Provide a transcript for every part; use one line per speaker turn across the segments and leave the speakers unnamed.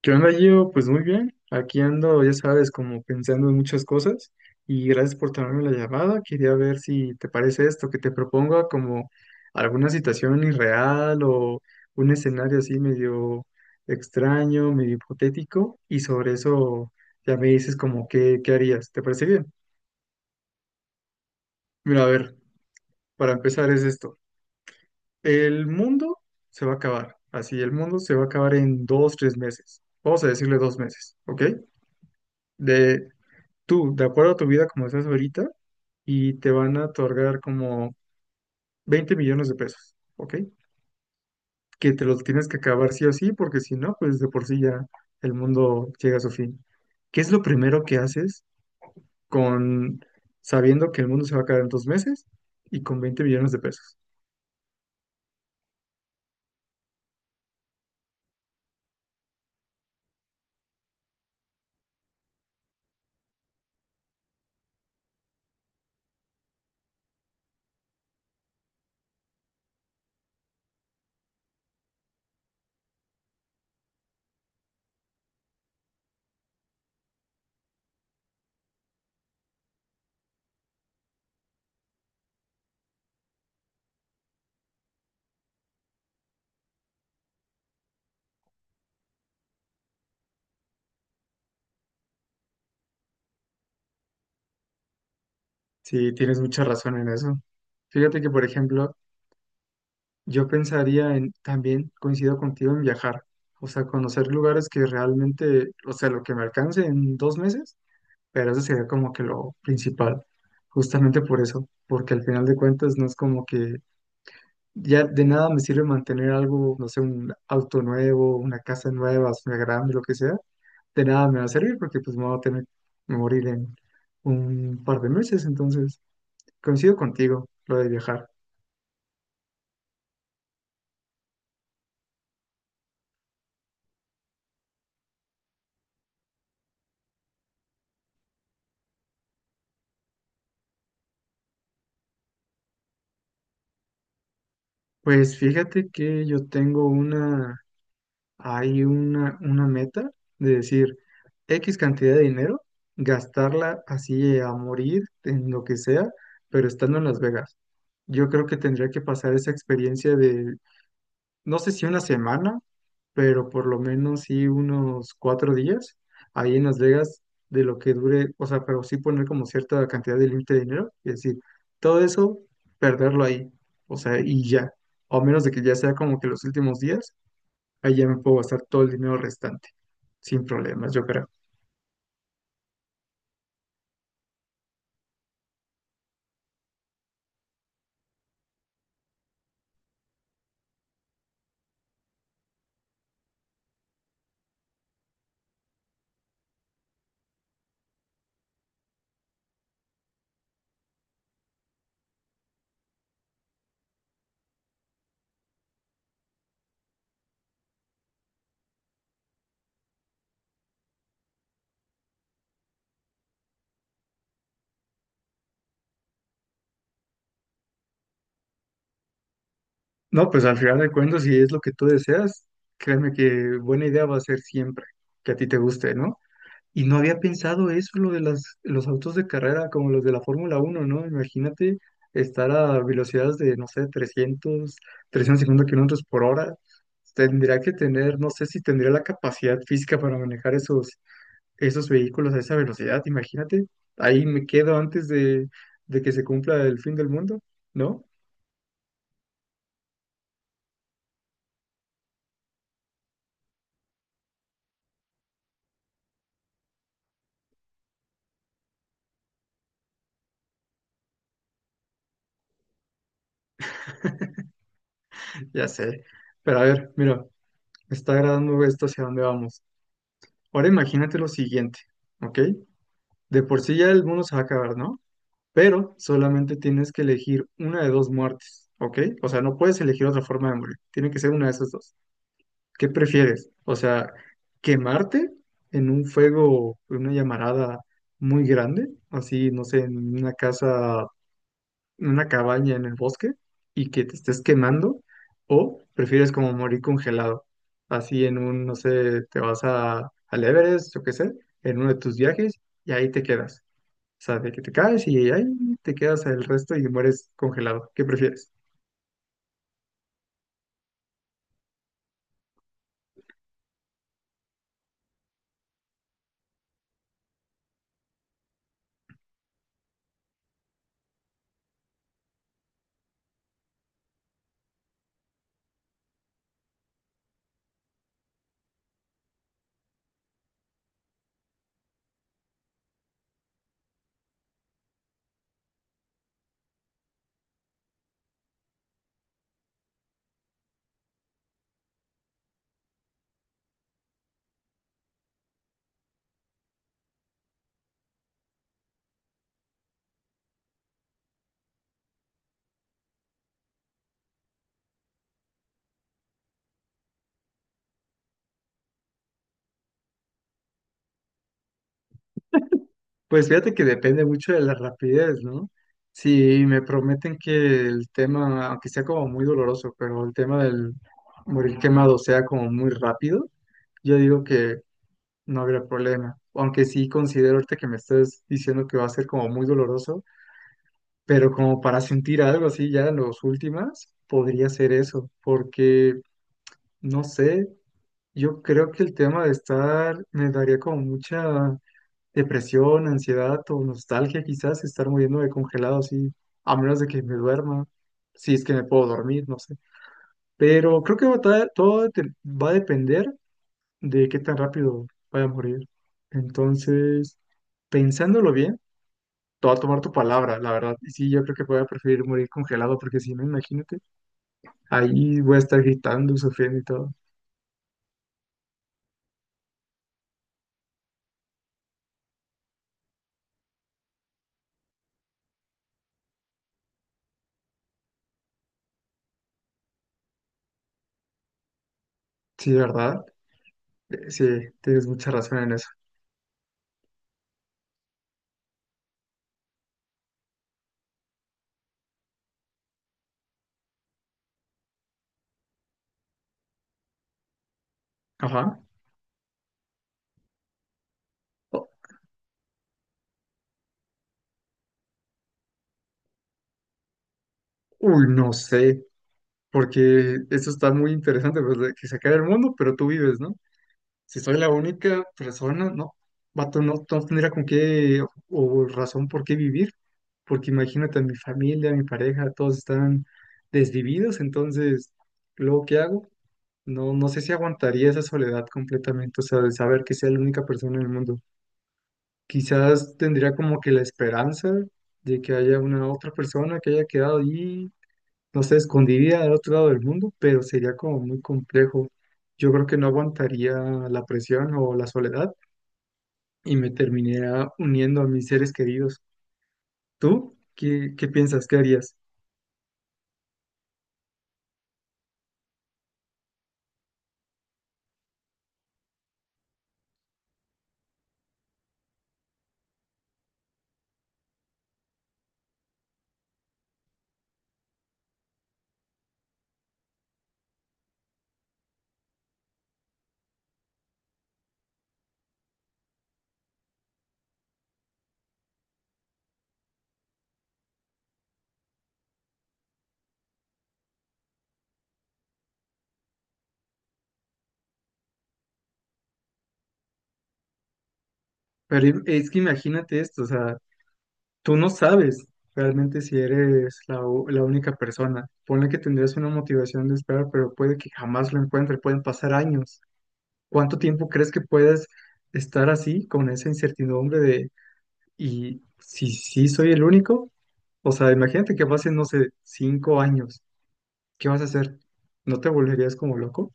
¿Qué onda, Gio? Pues muy bien. Aquí ando, ya sabes, como pensando en muchas cosas. Y gracias por tomarme la llamada. Quería ver si te parece esto, que te proponga como alguna situación irreal o un escenario así medio extraño, medio hipotético. Y sobre eso ya me dices como qué harías. ¿Te parece bien? Mira, a ver, para empezar es esto. El mundo se va a acabar. Así, el mundo se va a acabar en dos, tres meses. Vamos a decirle 2 meses, ¿ok? De, tú, de acuerdo a tu vida como estás ahorita, y te van a otorgar como 20 millones de pesos, ¿ok? Que te los tienes que acabar sí o sí, porque si no, pues de por sí ya el mundo llega a su fin. ¿Qué es lo primero que haces con sabiendo que el mundo se va a acabar en 2 meses y con 20 millones de pesos? Sí, tienes mucha razón en eso. Fíjate que, por ejemplo, yo pensaría en, también coincido contigo en viajar, o sea, conocer lugares que realmente, o sea, lo que me alcance en 2 meses. Pero eso sería como que lo principal, justamente por eso, porque al final de cuentas no es como que ya de nada me sirve mantener algo, no sé, un auto nuevo, una casa nueva, una grande, lo que sea, de nada me va a servir porque pues me voy a tener que morir en un par de meses, entonces coincido contigo, lo de viajar. Pues fíjate que yo tengo una hay una meta de decir X cantidad de dinero, gastarla así a morir en lo que sea, pero estando en Las Vegas. Yo creo que tendría que pasar esa experiencia de, no sé si una semana, pero por lo menos sí unos 4 días ahí en Las Vegas de lo que dure, o sea, pero sí poner como cierta cantidad de límite de dinero, es decir, todo eso, perderlo ahí, o sea, y ya, o a menos de que ya sea como que los últimos días ahí ya me puedo gastar todo el dinero restante, sin problemas, yo creo. No, pues al final de cuentas, si es lo que tú deseas, créeme que buena idea va a ser siempre que a ti te guste, ¿no? Y no había pensado eso, lo de las, los autos de carrera como los de la Fórmula 1, ¿no? Imagínate estar a velocidades de, no sé, 300, 350 kilómetros por hora. Tendría que tener, no sé si tendría la capacidad física para manejar esos vehículos a esa velocidad, imagínate, ahí me quedo antes de que se cumpla el fin del mundo, ¿no? Ya sé, pero a ver, mira, me está agradando esto hacia dónde vamos. Ahora imagínate lo siguiente, ¿ok? De por sí ya el mundo se va a acabar, ¿no? Pero solamente tienes que elegir una de dos muertes, ¿ok? O sea, no puedes elegir otra forma de morir, tiene que ser una de esas dos. ¿Qué prefieres? O sea, quemarte en un fuego, en una llamarada muy grande, así, no sé, en una casa, en una cabaña en el bosque, y que te estés quemando, o prefieres como morir congelado, así en un, no sé, te vas a, al Everest, yo qué sé, en uno de tus viajes, y ahí te quedas. O sea, de que te caes y ahí te quedas el resto y mueres congelado. ¿Qué prefieres? Pues fíjate que depende mucho de la rapidez, ¿no? Si me prometen que el tema, aunque sea como muy doloroso, pero el tema del morir quemado sea como muy rápido, yo digo que no habrá problema. Aunque sí considero ahorita que me estás diciendo que va a ser como muy doloroso, pero como para sentir algo así ya en los últimas, podría ser eso, porque no sé, yo creo que el tema de estar me daría como mucha depresión, ansiedad o nostalgia quizás, estar muriendo de congelado así, a menos de que me duerma, si es que me puedo dormir, no sé. Pero creo que va a ta- todo te- va a depender de qué tan rápido vaya a morir. Entonces, pensándolo bien, te voy a tomar tu palabra, la verdad. Y sí, yo creo que voy a preferir morir congelado, porque si no, imagínate, ahí voy a estar gritando, sufriendo y todo. Sí, ¿verdad? Sí, tienes mucha razón en eso. Ajá. O- Uy, no sé. Porque eso está muy interesante, pues, de que se acabe el mundo, pero tú vives, ¿no? Si soy la única persona, no, vato, no, no tendría con qué o razón por qué vivir, porque imagínate, mi familia, mi pareja, todos están desvividos, entonces, ¿luego qué hago? No, no sé si aguantaría esa soledad completamente, o sea, de saber que sea la única persona en el mundo. Quizás tendría como que la esperanza de que haya una otra persona que haya quedado allí no sé, escondida al otro lado del mundo, pero sería como muy complejo. Yo creo que no aguantaría la presión o la soledad y me terminaría uniendo a mis seres queridos. ¿Tú qué piensas? ¿Qué harías? Pero es que imagínate esto, o sea, tú no sabes realmente si eres la única persona. Ponle que tendrías una motivación de esperar, pero puede que jamás lo encuentres, pueden pasar años. ¿Cuánto tiempo crees que puedas estar así con esa incertidumbre de... ¿Y si sí soy el único? O sea, imagínate que pasen, no sé, 5 años. ¿Qué vas a hacer? ¿No te volverías como loco?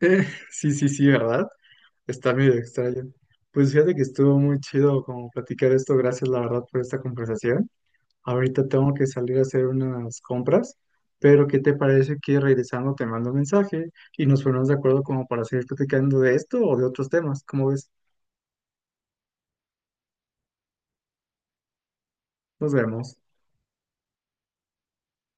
Eh, sí, sí, sí, ¿verdad? Está medio extraño. Pues fíjate que estuvo muy chido como platicar esto. Gracias, la verdad, por esta conversación. Ahorita tengo que salir a hacer unas compras, pero ¿qué te parece que regresando te mando un mensaje y nos ponemos de acuerdo como para seguir platicando de esto o de otros temas? ¿Cómo ves? Nos vemos.